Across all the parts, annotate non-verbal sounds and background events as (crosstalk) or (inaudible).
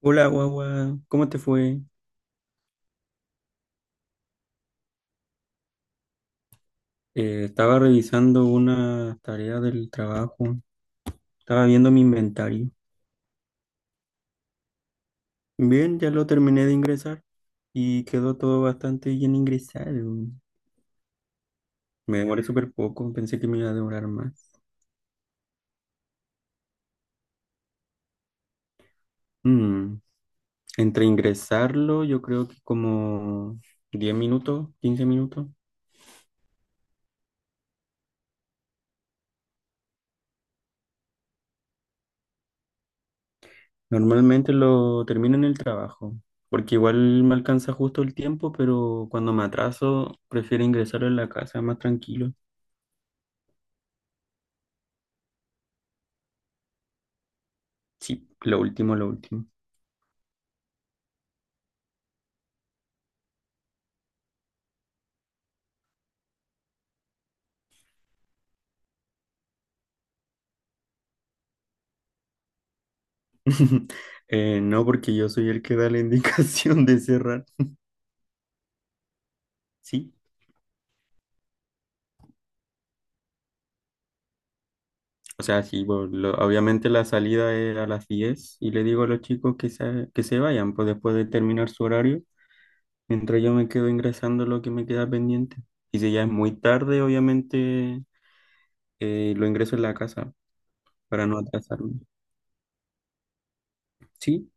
Hola, guagua, ¿cómo te fue? Estaba revisando una tarea del trabajo, estaba viendo mi inventario. Bien, ya lo terminé de ingresar y quedó todo bastante bien ingresado. Me demoré súper poco, pensé que me iba a demorar más. Mm, Entre ingresarlo, yo creo que como 10 minutos, 15 minutos. Normalmente lo termino en el trabajo, porque igual me alcanza justo el tiempo, pero cuando me atraso, prefiero ingresarlo en la casa, más tranquilo. Sí, lo último, lo último. (laughs) No, porque yo soy el que da la (laughs) indicación de cerrar. Sí, o sea, sí, bueno, obviamente la salida es a las 10 y le digo a los chicos que se vayan, pues después de terminar su horario, mientras yo me quedo ingresando lo que me queda pendiente. Y si ya es muy tarde, obviamente lo ingreso en la casa para no atrasarme. Sí,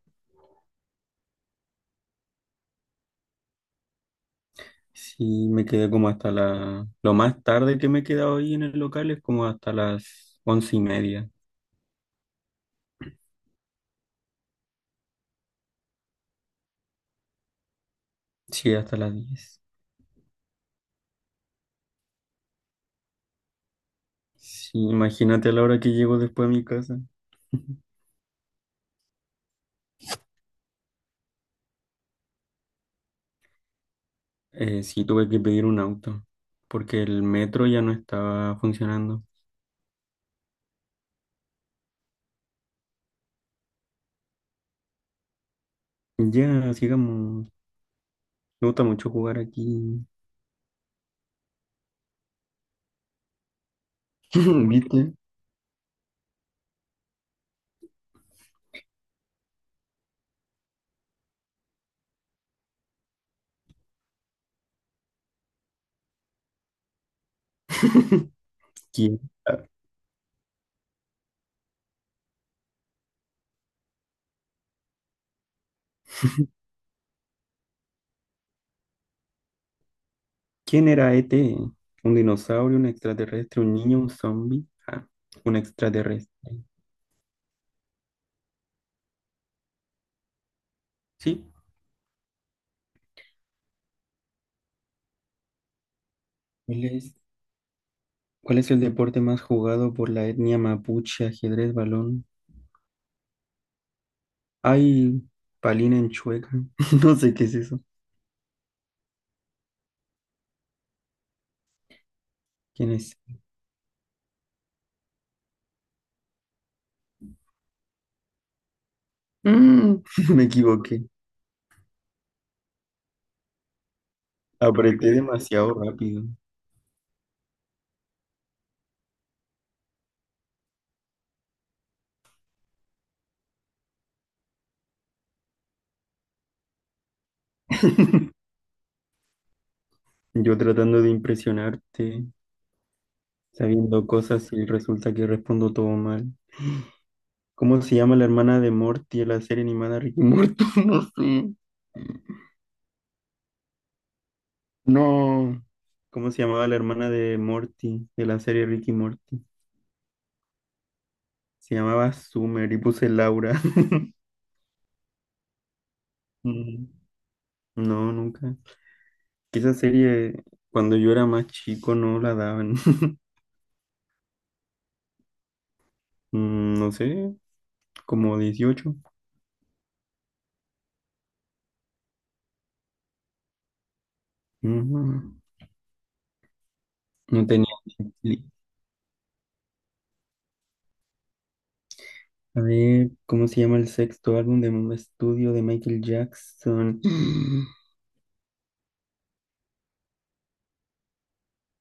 sí, me quedé como hasta la... Lo más tarde que me he quedado ahí en el local es como hasta las 11 y media. Sí, hasta las 10. Sí, imagínate a la hora que llego después a mi casa. (laughs) Sí, tuve que pedir un auto porque el metro ya no estaba funcionando. Ya, sigamos. Me gusta mucho jugar aquí. (laughs) ¿Viste? (laughs) ¿Quién, ah, Quién era ET? ¿Un dinosaurio, un extraterrestre, un niño, un zombie? Ah, un extraterrestre. Sí. ¿Cuál es, cuál es el deporte más jugado por la etnia mapuche? Ajedrez, balón. Ay, palina en chueca. (laughs) No sé qué es eso. ¿Quién es Mm, (laughs) me equivoqué. Apreté (laughs) demasiado rápido. Yo tratando de impresionarte, sabiendo cosas y resulta que respondo todo mal. ¿Cómo se llama la hermana de Morty en la serie animada Ricky Morty? (laughs) No sé. No. ¿Cómo se llamaba la hermana de Morty de la serie Ricky Morty? Se llamaba Summer y puse Laura. (laughs) Mm, No, nunca. Que Esa serie, cuando yo era más chico, no la daban. (laughs) No sé, como 18. Mm, No tenía. ni- A ver, ¿cómo se llama el sexto álbum de un estudio de Michael Jackson? (gasps)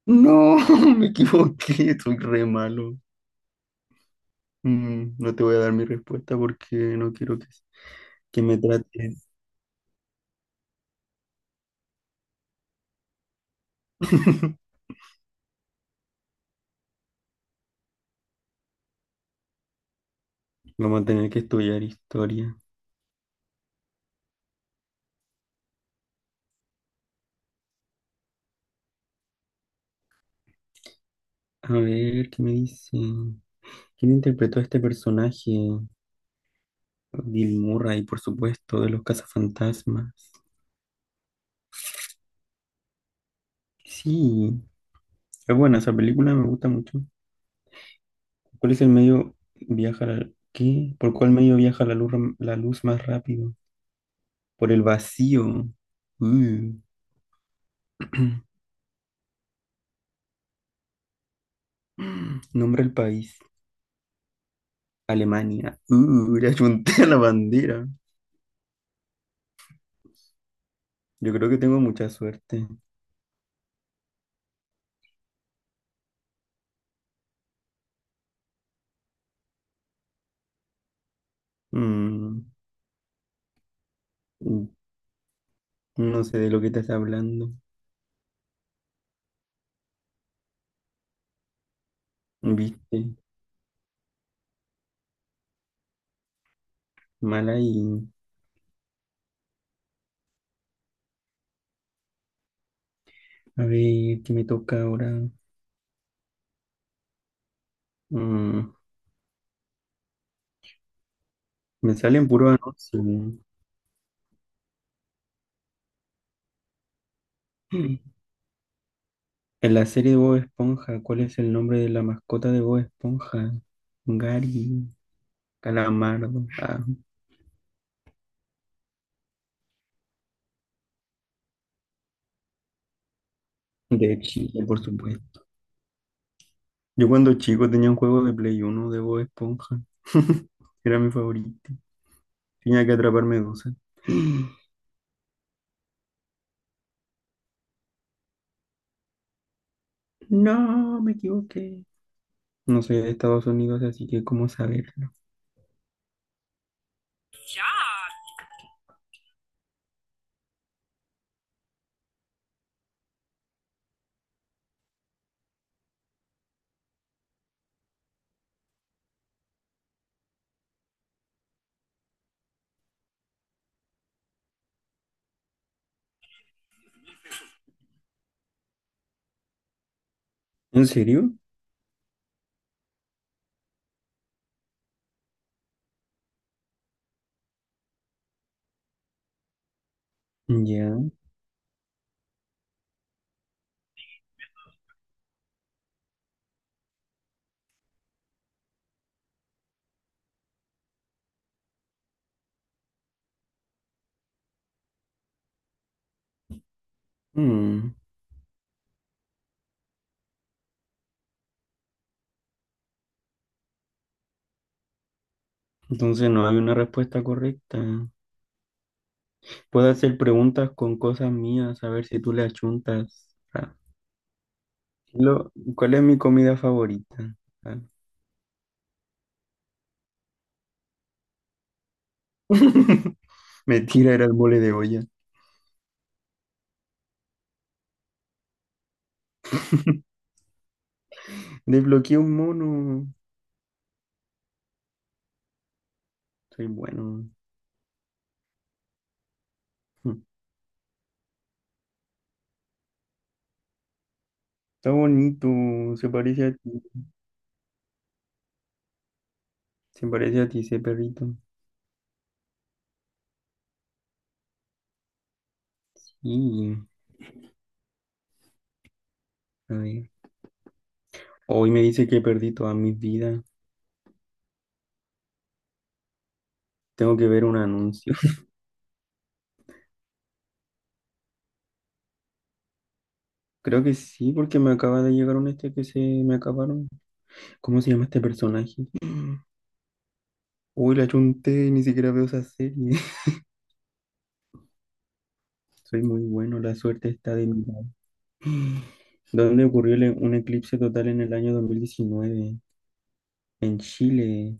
No, (laughs) me equivoqué, soy re malo. Mm, no te voy a dar mi respuesta porque no quiero que me trates. (laughs) Vamos a tener que estudiar historia. A ver, ¿qué me dicen? ¿Quién interpretó a este personaje? Bill Murray, por supuesto, de los cazafantasmas. Sí, es buena esa película, me gusta mucho. ¿Cuál es el medio viaja la, ¿qué? ¿Por cuál medio viaja la luz más rápido? Por el vacío. Uh. (clears throat) Nombre del país. Alemania. Le achunté a (laughs) la bandera. Yo creo que tengo mucha suerte. Mm, mm, no sé de lo que estás hablando. Viste, mala y... A ver, ¿qué me toca ahora? Mm, Me salen puro anuncios. En la serie de Bob Esponja, ¿cuál es el nombre de la mascota de Bob Esponja? Gary, Calamardo, ah, de Chile, por supuesto. Yo cuando chico tenía un juego de Play uno de Bob Esponja. (laughs) Era mi favorito. Tenía que atrapar medusas. (gasps) No, me equivoqué. No soy de Estados Unidos, así que ¿cómo saberlo? ¿En serio? Ya. Mm, Entonces no hay una respuesta correcta. Puedo hacer preguntas con cosas mías, a ver si tú le achuntas. Ah. ¿Cuál es mi comida favorita? Ah, (laughs) mentira, era el mole de olla. (laughs) Desbloqueé un mono. Soy bueno. Hmm. Está bonito. Se parece a ti. Se parece a ti ese perrito. Y, a ver. Hoy me dice que perdí toda mi vida. Tengo que ver un anuncio. (laughs) Creo que sí, porque me acaba de llegar un este que se me acabaron. ¿Cómo se llama este personaje? (gasps) Uy, la chunté, ni siquiera veo esa serie. (laughs) Soy muy bueno, la suerte está de mi lado. ¿Dónde ocurrió un eclipse total en el año 2019? En Chile.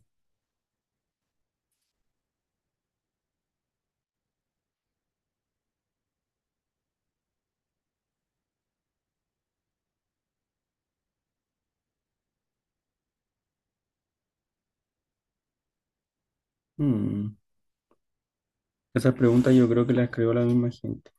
Mm, Esas preguntas yo creo que las creó la misma gente.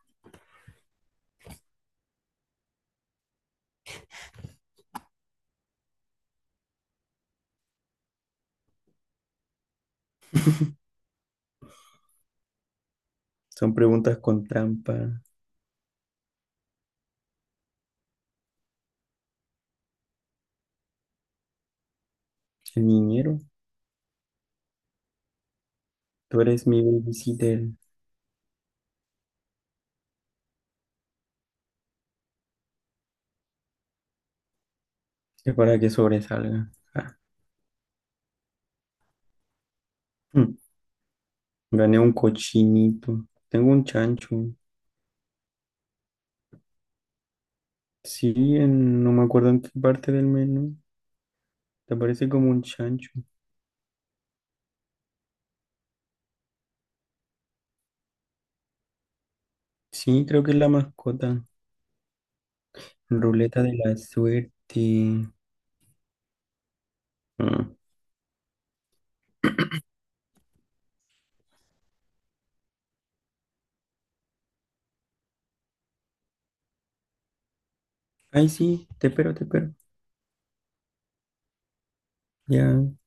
Son preguntas con trampa. El niñero, tú eres mi babysitter. Es para que sobresalga. Ah, mm, Gané un cochinito. Tengo un chancho. Sí, no me acuerdo en qué parte del menú. Te parece como un chancho. Sí, creo que es la mascota. Ruleta de la suerte. Ah. Ay, sí, te espero, te espero. Ya,